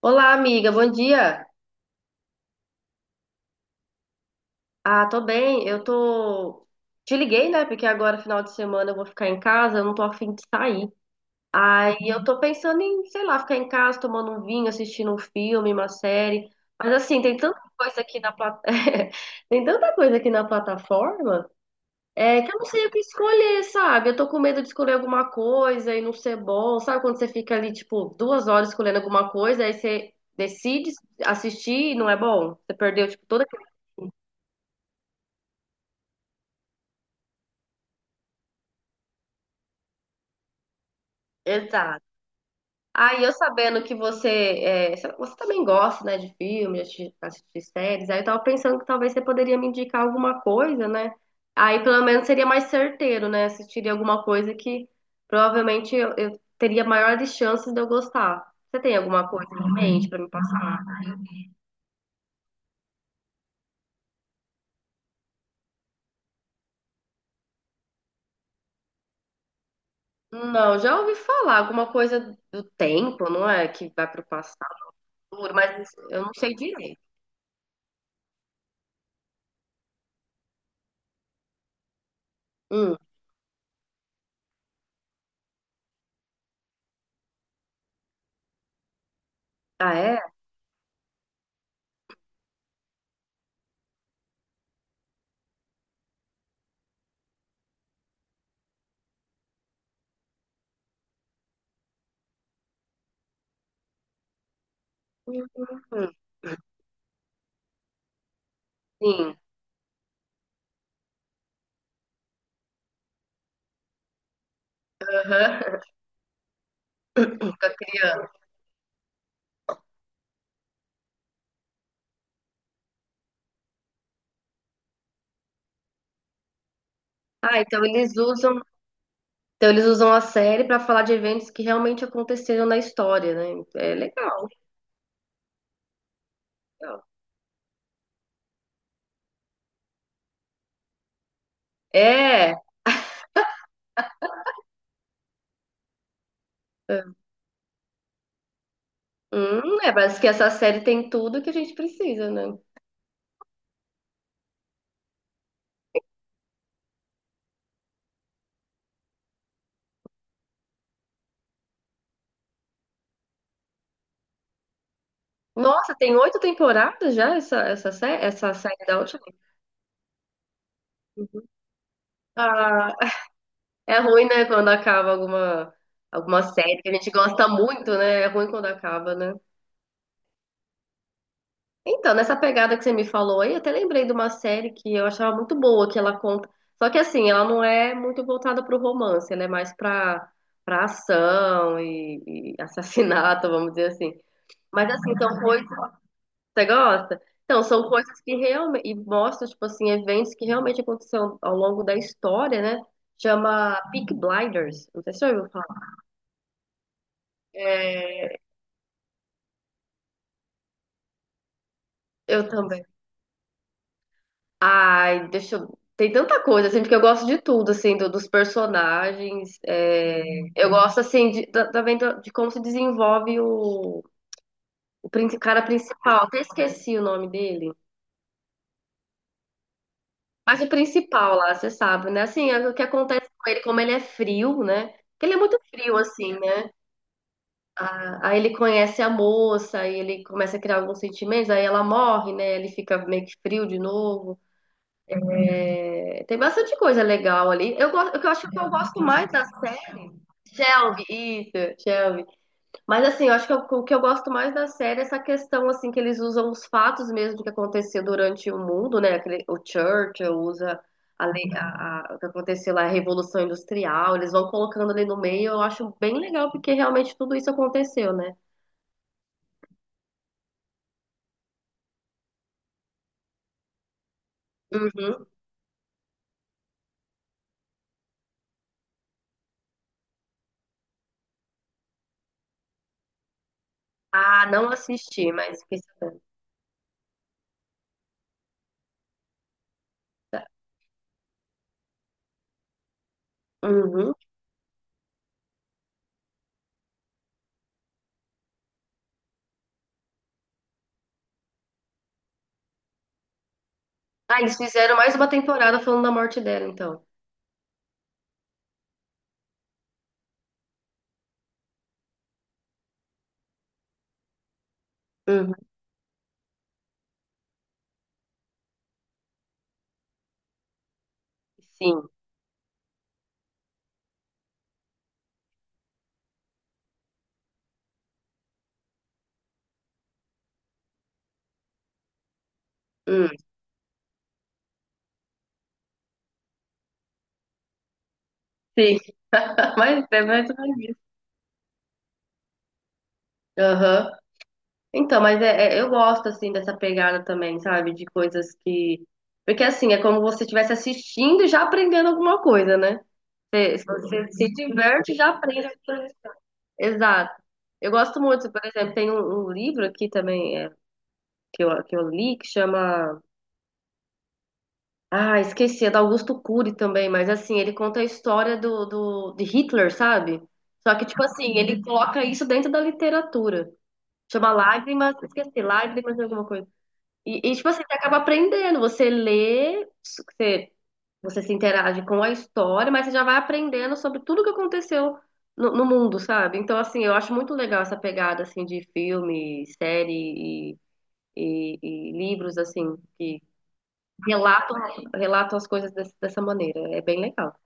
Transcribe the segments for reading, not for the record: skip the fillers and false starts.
Olá, amiga, bom dia. Ah, tô bem. Eu tô. Te liguei, né? Porque agora, final de semana, eu vou ficar em casa, eu não tô a fim de sair. Aí eu tô pensando em, sei lá, ficar em casa tomando um vinho, assistindo um filme, uma série. Mas assim, tem tanta coisa aqui na plat... tem tanta coisa aqui na plataforma, é, que eu não sei o que escolher, sabe? Eu tô com medo de escolher alguma coisa e não ser bom. Sabe quando você fica ali, tipo, 2 horas escolhendo alguma coisa, aí você decide assistir e não é bom? Você perdeu, tipo, toda. Exato. Aí eu sabendo que você, é, sei lá, você também gosta, né, de filme, de assistir séries, aí eu tava pensando que talvez você poderia me indicar alguma coisa, né? Aí pelo menos seria mais certeiro, né? Assistiria alguma coisa que provavelmente eu teria maiores chances de eu gostar. Você tem alguma coisa em mente pra me passar? Não, já ouvi falar alguma coisa do tempo, não é? Que vai pro passado, mas eu não sei direito. Hum. Ah, é? Hum, sim. Aham. Com a criança. Ah, então eles usam a série para falar de eventos que realmente aconteceram na história, né? É legal, legal. É, é, parece que essa série tem tudo que a gente precisa, né? Nossa, tem oito temporadas já essa série, essa série da última. Ah, é ruim, né, quando acaba alguma série que a gente gosta muito, né? É ruim quando acaba, né? Então, nessa pegada que você me falou aí, eu até lembrei de uma série que eu achava muito boa, que ela conta. Só que assim, ela não é muito voltada para o romance, ela é mais para ação e assassinato, vamos dizer assim. Mas assim, são coisas. Você gosta? Então, são coisas que realmente. E mostra, tipo assim, eventos que realmente aconteceram ao longo da história, né? Chama Peak Blinders. Não sei se você já ouviu falar. É, eu também. Ai, deixa eu. Tem tanta coisa, assim, porque eu gosto de tudo, assim, dos personagens. Eu gosto, assim, também de como se desenvolve o cara principal. Até esqueci o nome dele. Mas o principal lá, você sabe, né? Assim, é o que acontece com ele, como ele é frio, né? Porque ele é muito frio, assim, né? a Aí ele conhece a moça, aí ele começa a criar alguns sentimentos, aí ela morre, né? Ele fica meio que frio de novo. É, tem bastante coisa legal ali. Eu gosto, o que eu acho que eu gosto mais da série, Shelby, isso, Shelby. Mas assim, eu acho o que eu gosto mais da série é essa questão assim que eles usam os fatos mesmo do que aconteceu durante o mundo, né? Aquele, o Churchill usa a, lei- a- o que aconteceu lá, a Revolução Industrial, eles vão colocando ali no meio, eu acho bem legal porque realmente tudo isso aconteceu, né? Uhum. Ah, não assisti, mas fiquei sabendo. Tá. Uhum. Ah, eles fizeram mais uma temporada falando da morte dela, então. Uhum. Sim, hum, sim, mas é mais ou menos isso. Aham. Então, mas eu gosto, assim, dessa pegada também, sabe? De coisas que. Porque, assim, é como se você estivesse assistindo e já aprendendo alguma coisa, né? Se você se diverte, já aprende. Alguma coisa. Exato. Eu gosto muito, por exemplo, tem um livro aqui também que eu, li que chama. Ah, esqueci, é do Augusto Cury também, mas assim, ele conta a história de Hitler, sabe? Só que, tipo assim, ele coloca isso dentro da literatura. Chama Lágrimas, esqueci, Lágrimas de alguma coisa. E, tipo assim, você acaba aprendendo, você lê, você se interage com a história, mas você já vai aprendendo sobre tudo que aconteceu no mundo, sabe? Então, assim, eu acho muito legal essa pegada, assim, de filme, série e livros, assim, que relatam, relatam as coisas dessa maneira. É bem legal.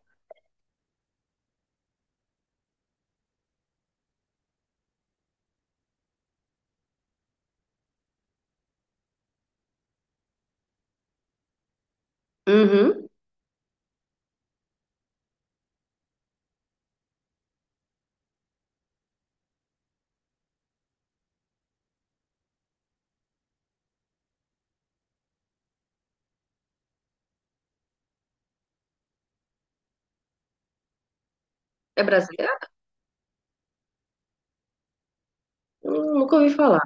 Uhum. É brasileira? Nunca ouvi falar.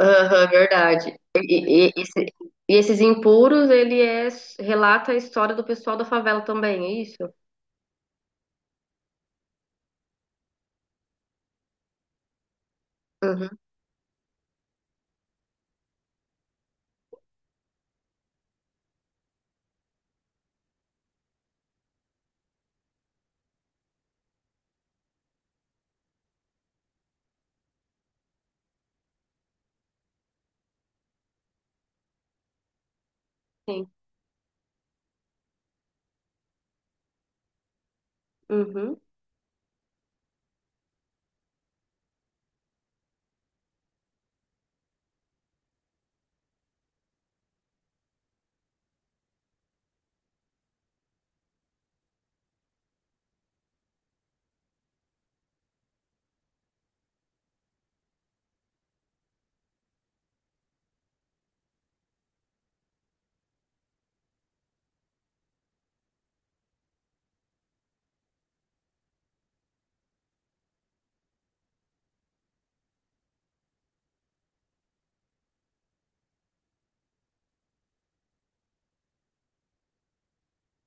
Aham, verdade. E esses impuros, ele é, relata a história do pessoal da favela também, é isso? Uhum, sim. Uhum.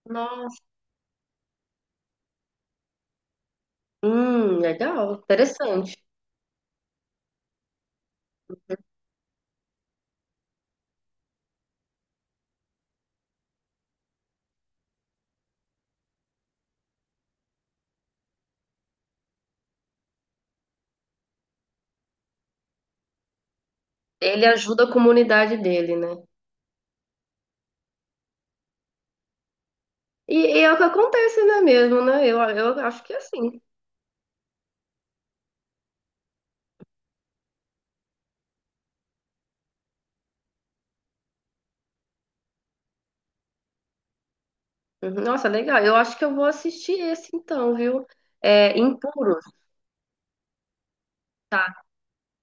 Nossa. Legal, interessante. Ele ajuda a comunidade dele, né? E é o que acontece, né, mesmo, né? Eu acho que é assim. Uhum, nossa, legal. Eu acho que eu vou assistir esse então, viu? É, Impuros.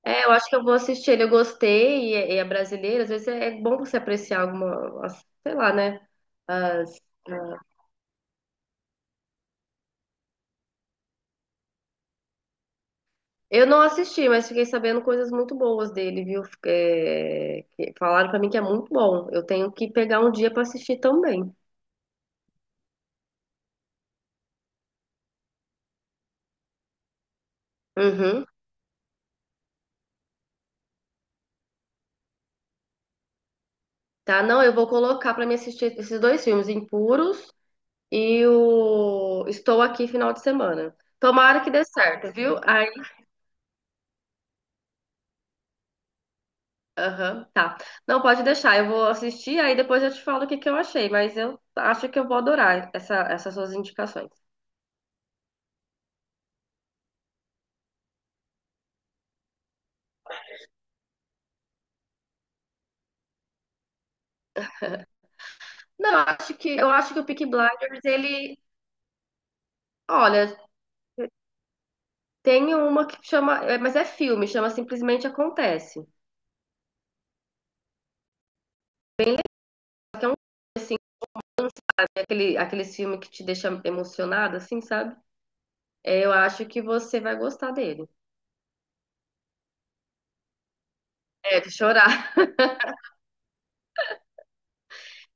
É, eu acho que eu vou assistir ele, eu gostei, e é brasileiro, às vezes é bom você apreciar alguma, sei lá, né? As- ah, eu não assisti, mas fiquei sabendo coisas muito boas dele, viu? É, que falaram pra mim que é muito bom. Eu tenho que pegar um dia pra assistir também. Uhum. Tá, não, eu vou colocar pra me assistir esses dois filmes, Impuros e o Estou Aqui Final de Semana. Tomara que dê certo, viu? Aí, aham, tá. Não, pode deixar, eu vou assistir, aí depois eu te falo o que que eu achei, mas eu acho que eu vou adorar essa, essas suas indicações. Não, eu acho que o Peaky Blinders, ele, olha, tem uma que chama, é, mas é filme, chama Simplesmente Acontece. É aquele, aqueles filmes que te deixa emocionado, assim, sabe? É, eu acho que você vai gostar dele. É, de chorar.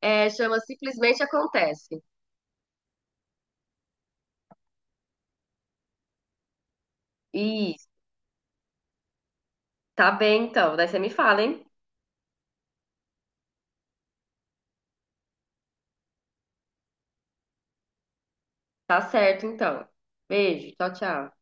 É, chama Simplesmente Acontece. Isso, tá bem então. Daí você me fala, hein? Tá certo, então. Beijo, tchau, tchau.